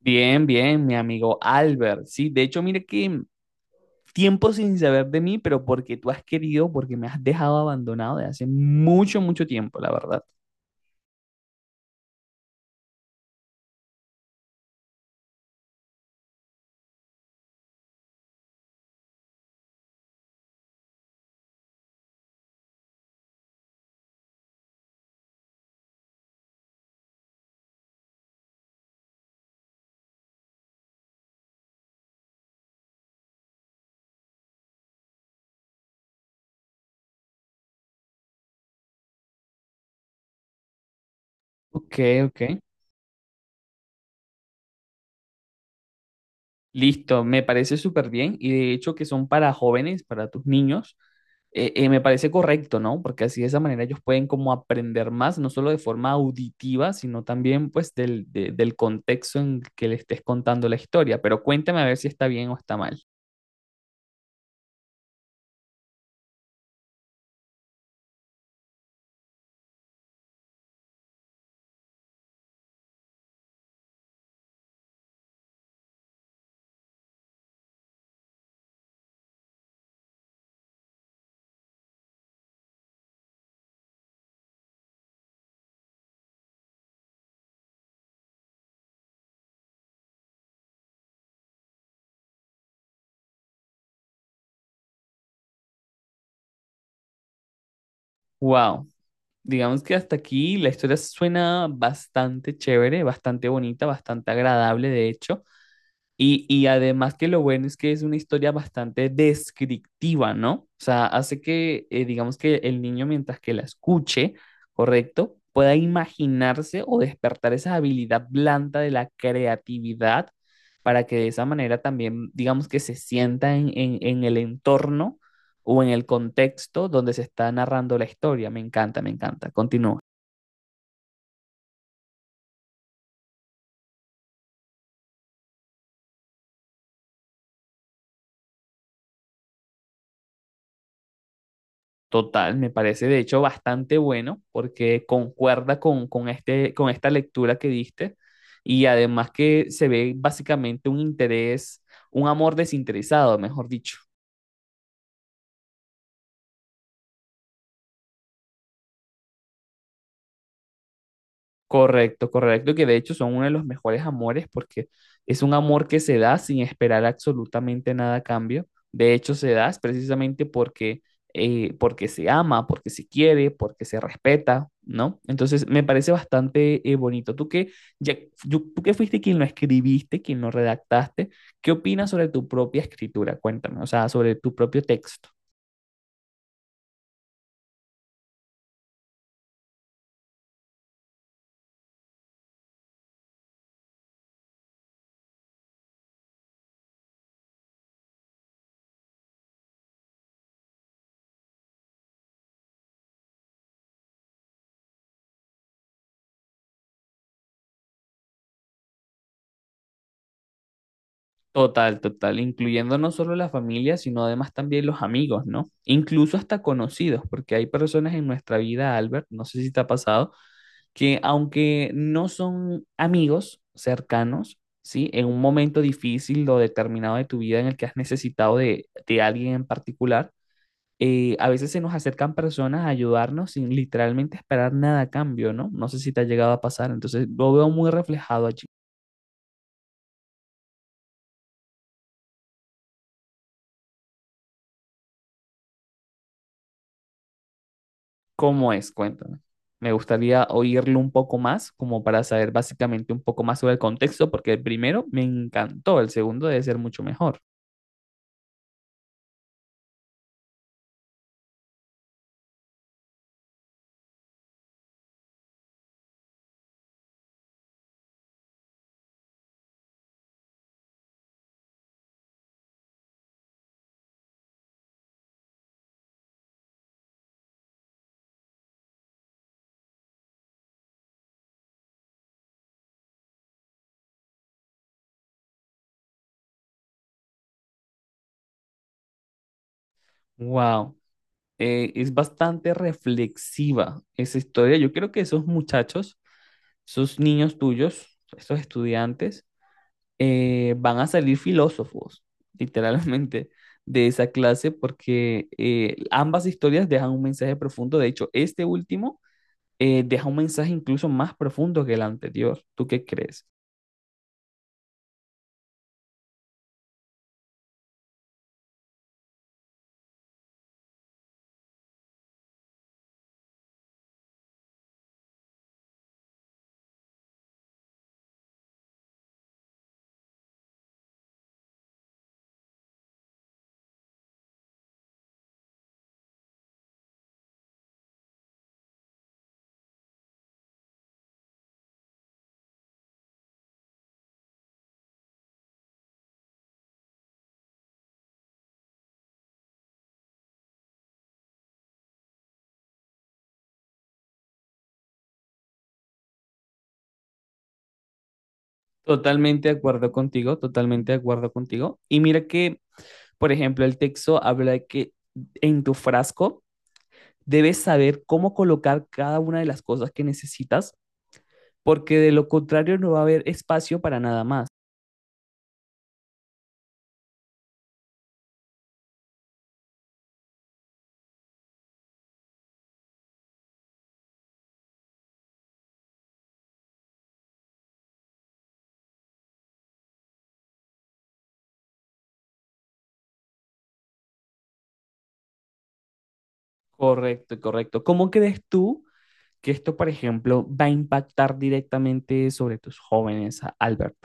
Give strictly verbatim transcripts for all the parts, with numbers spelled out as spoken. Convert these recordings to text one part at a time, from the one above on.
Bien, bien, mi amigo Albert. Sí, de hecho, mire que tiempo sin saber de mí, pero porque tú has querido, porque me has dejado abandonado de hace mucho, mucho tiempo, la verdad. Ok, ok. Listo, me parece súper bien y de hecho que son para jóvenes, para tus niños, eh, eh, me parece correcto, ¿no? Porque así de esa manera ellos pueden como aprender más, no solo de forma auditiva, sino también pues del, de- del contexto en que le estés contando la historia. Pero cuéntame a ver si está bien o está mal. Wow. Digamos que hasta aquí la historia suena bastante chévere, bastante bonita, bastante agradable, de hecho. Y, y además que lo bueno es que es una historia bastante descriptiva, ¿no? O sea, hace que, eh, digamos que el niño mientras que la escuche, ¿correcto? Pueda imaginarse o despertar esa habilidad blanda de la creatividad para que de esa manera también, digamos que se sienta en, en- en el entorno o en el contexto donde se está narrando la historia. Me encanta, me encanta. Continúa. Total, me parece de hecho bastante bueno porque concuerda con, con, este, con esta lectura que diste y además que se ve básicamente un interés, un amor desinteresado, mejor dicho. Correcto, correcto, que de hecho son uno de los mejores amores porque es un amor que se da sin esperar absolutamente nada a cambio. De hecho, se da es precisamente porque, eh, porque se ama, porque se quiere, porque se respeta, ¿no? Entonces, me parece bastante eh, bonito. Tú que, ya, yo- tú que fuiste quien lo escribiste, quien lo redactaste, ¿qué opinas sobre tu propia escritura? Cuéntame, o sea, sobre tu propio texto. Total, total, incluyendo no solo la familia, sino además también los amigos, ¿no? Incluso hasta conocidos, porque hay personas en nuestra vida, Albert, no sé si te ha pasado, que aunque no son amigos cercanos, ¿sí? En un momento difícil o determinado de tu vida en el que has necesitado de, de alguien en particular, eh, a veces se nos acercan personas a ayudarnos sin literalmente esperar nada a cambio, ¿no? No sé si te ha llegado a pasar, entonces lo veo muy reflejado allí. ¿Cómo es? Cuéntame. Me gustaría oírlo un poco más, como para saber básicamente un poco más sobre el contexto, porque el primero me encantó, el segundo debe ser mucho mejor. Wow, eh, es bastante reflexiva esa historia. Yo creo que esos muchachos, esos niños tuyos, esos estudiantes, eh, van a salir filósofos, literalmente, de esa clase, porque eh, ambas historias dejan un mensaje profundo. De hecho, este último eh, deja un mensaje incluso más profundo que el anterior. ¿Tú qué crees? Totalmente de acuerdo contigo, totalmente de acuerdo contigo. Y mira que, por ejemplo, el texto habla de que en tu frasco debes saber cómo colocar cada una de las cosas que necesitas, porque de lo contrario no va a haber espacio para nada más. Correcto, correcto. ¿Cómo crees tú que esto, por ejemplo, va a impactar directamente sobre tus jóvenes, a- Albert?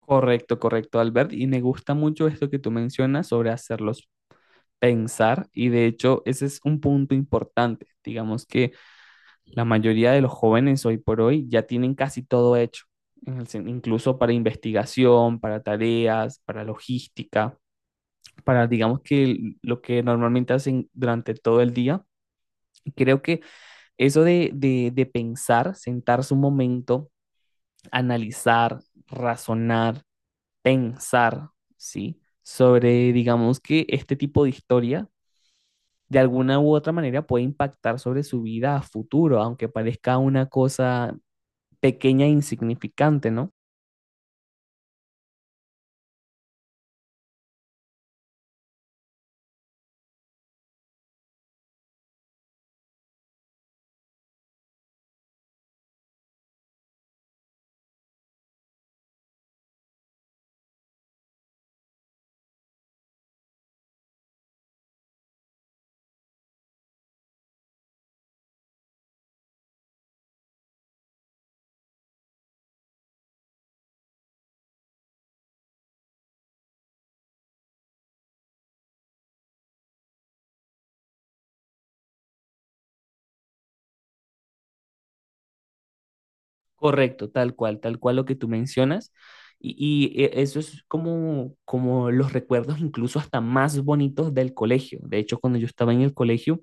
Correcto, correcto, Albert. Y me gusta mucho esto que tú mencionas sobre hacerlos pensar y de hecho ese es un punto importante. Digamos que la mayoría de los jóvenes hoy por hoy ya tienen casi todo hecho, en el incluso para investigación, para tareas, para logística, para digamos que lo que normalmente hacen durante todo el día. Creo que eso de, de, de pensar, sentarse un momento, analizar, razonar, pensar, ¿sí? Sobre, digamos que este tipo de historia de alguna u otra manera puede impactar sobre su vida a futuro, aunque parezca una cosa pequeña e insignificante, ¿no? Correcto, tal cual, tal cual lo que tú mencionas. Y, y eh, eso es como, como los recuerdos incluso hasta más bonitos del colegio. De hecho, cuando yo estaba en el colegio,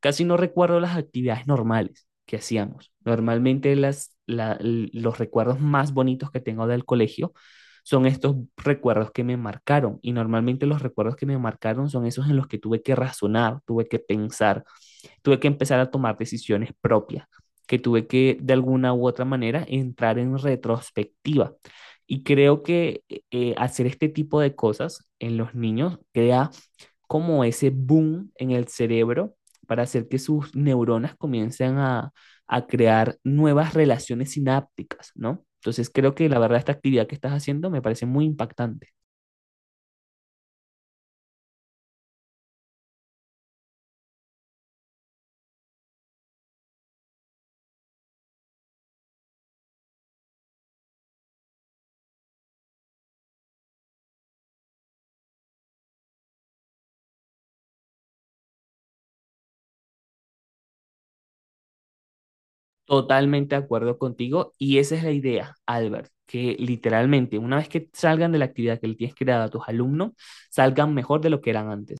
casi no recuerdo las actividades normales que hacíamos. Normalmente las, la- los recuerdos más bonitos que tengo del colegio son estos recuerdos que me marcaron. Y normalmente los recuerdos que me marcaron son esos en los que tuve que razonar, tuve que pensar, tuve que empezar a tomar decisiones propias, que tuve que de alguna u otra manera entrar en retrospectiva. Y creo que eh, hacer este tipo de cosas en los niños crea como ese boom en el cerebro para hacer que sus neuronas comiencen a, a crear nuevas relaciones sinápticas, ¿no? Entonces creo que la verdad esta actividad que estás haciendo me parece muy impactante. Totalmente de acuerdo contigo y esa es la idea, Albert, que literalmente una vez que salgan de la actividad que le tienes creada a tus alumnos, salgan mejor de lo que eran antes.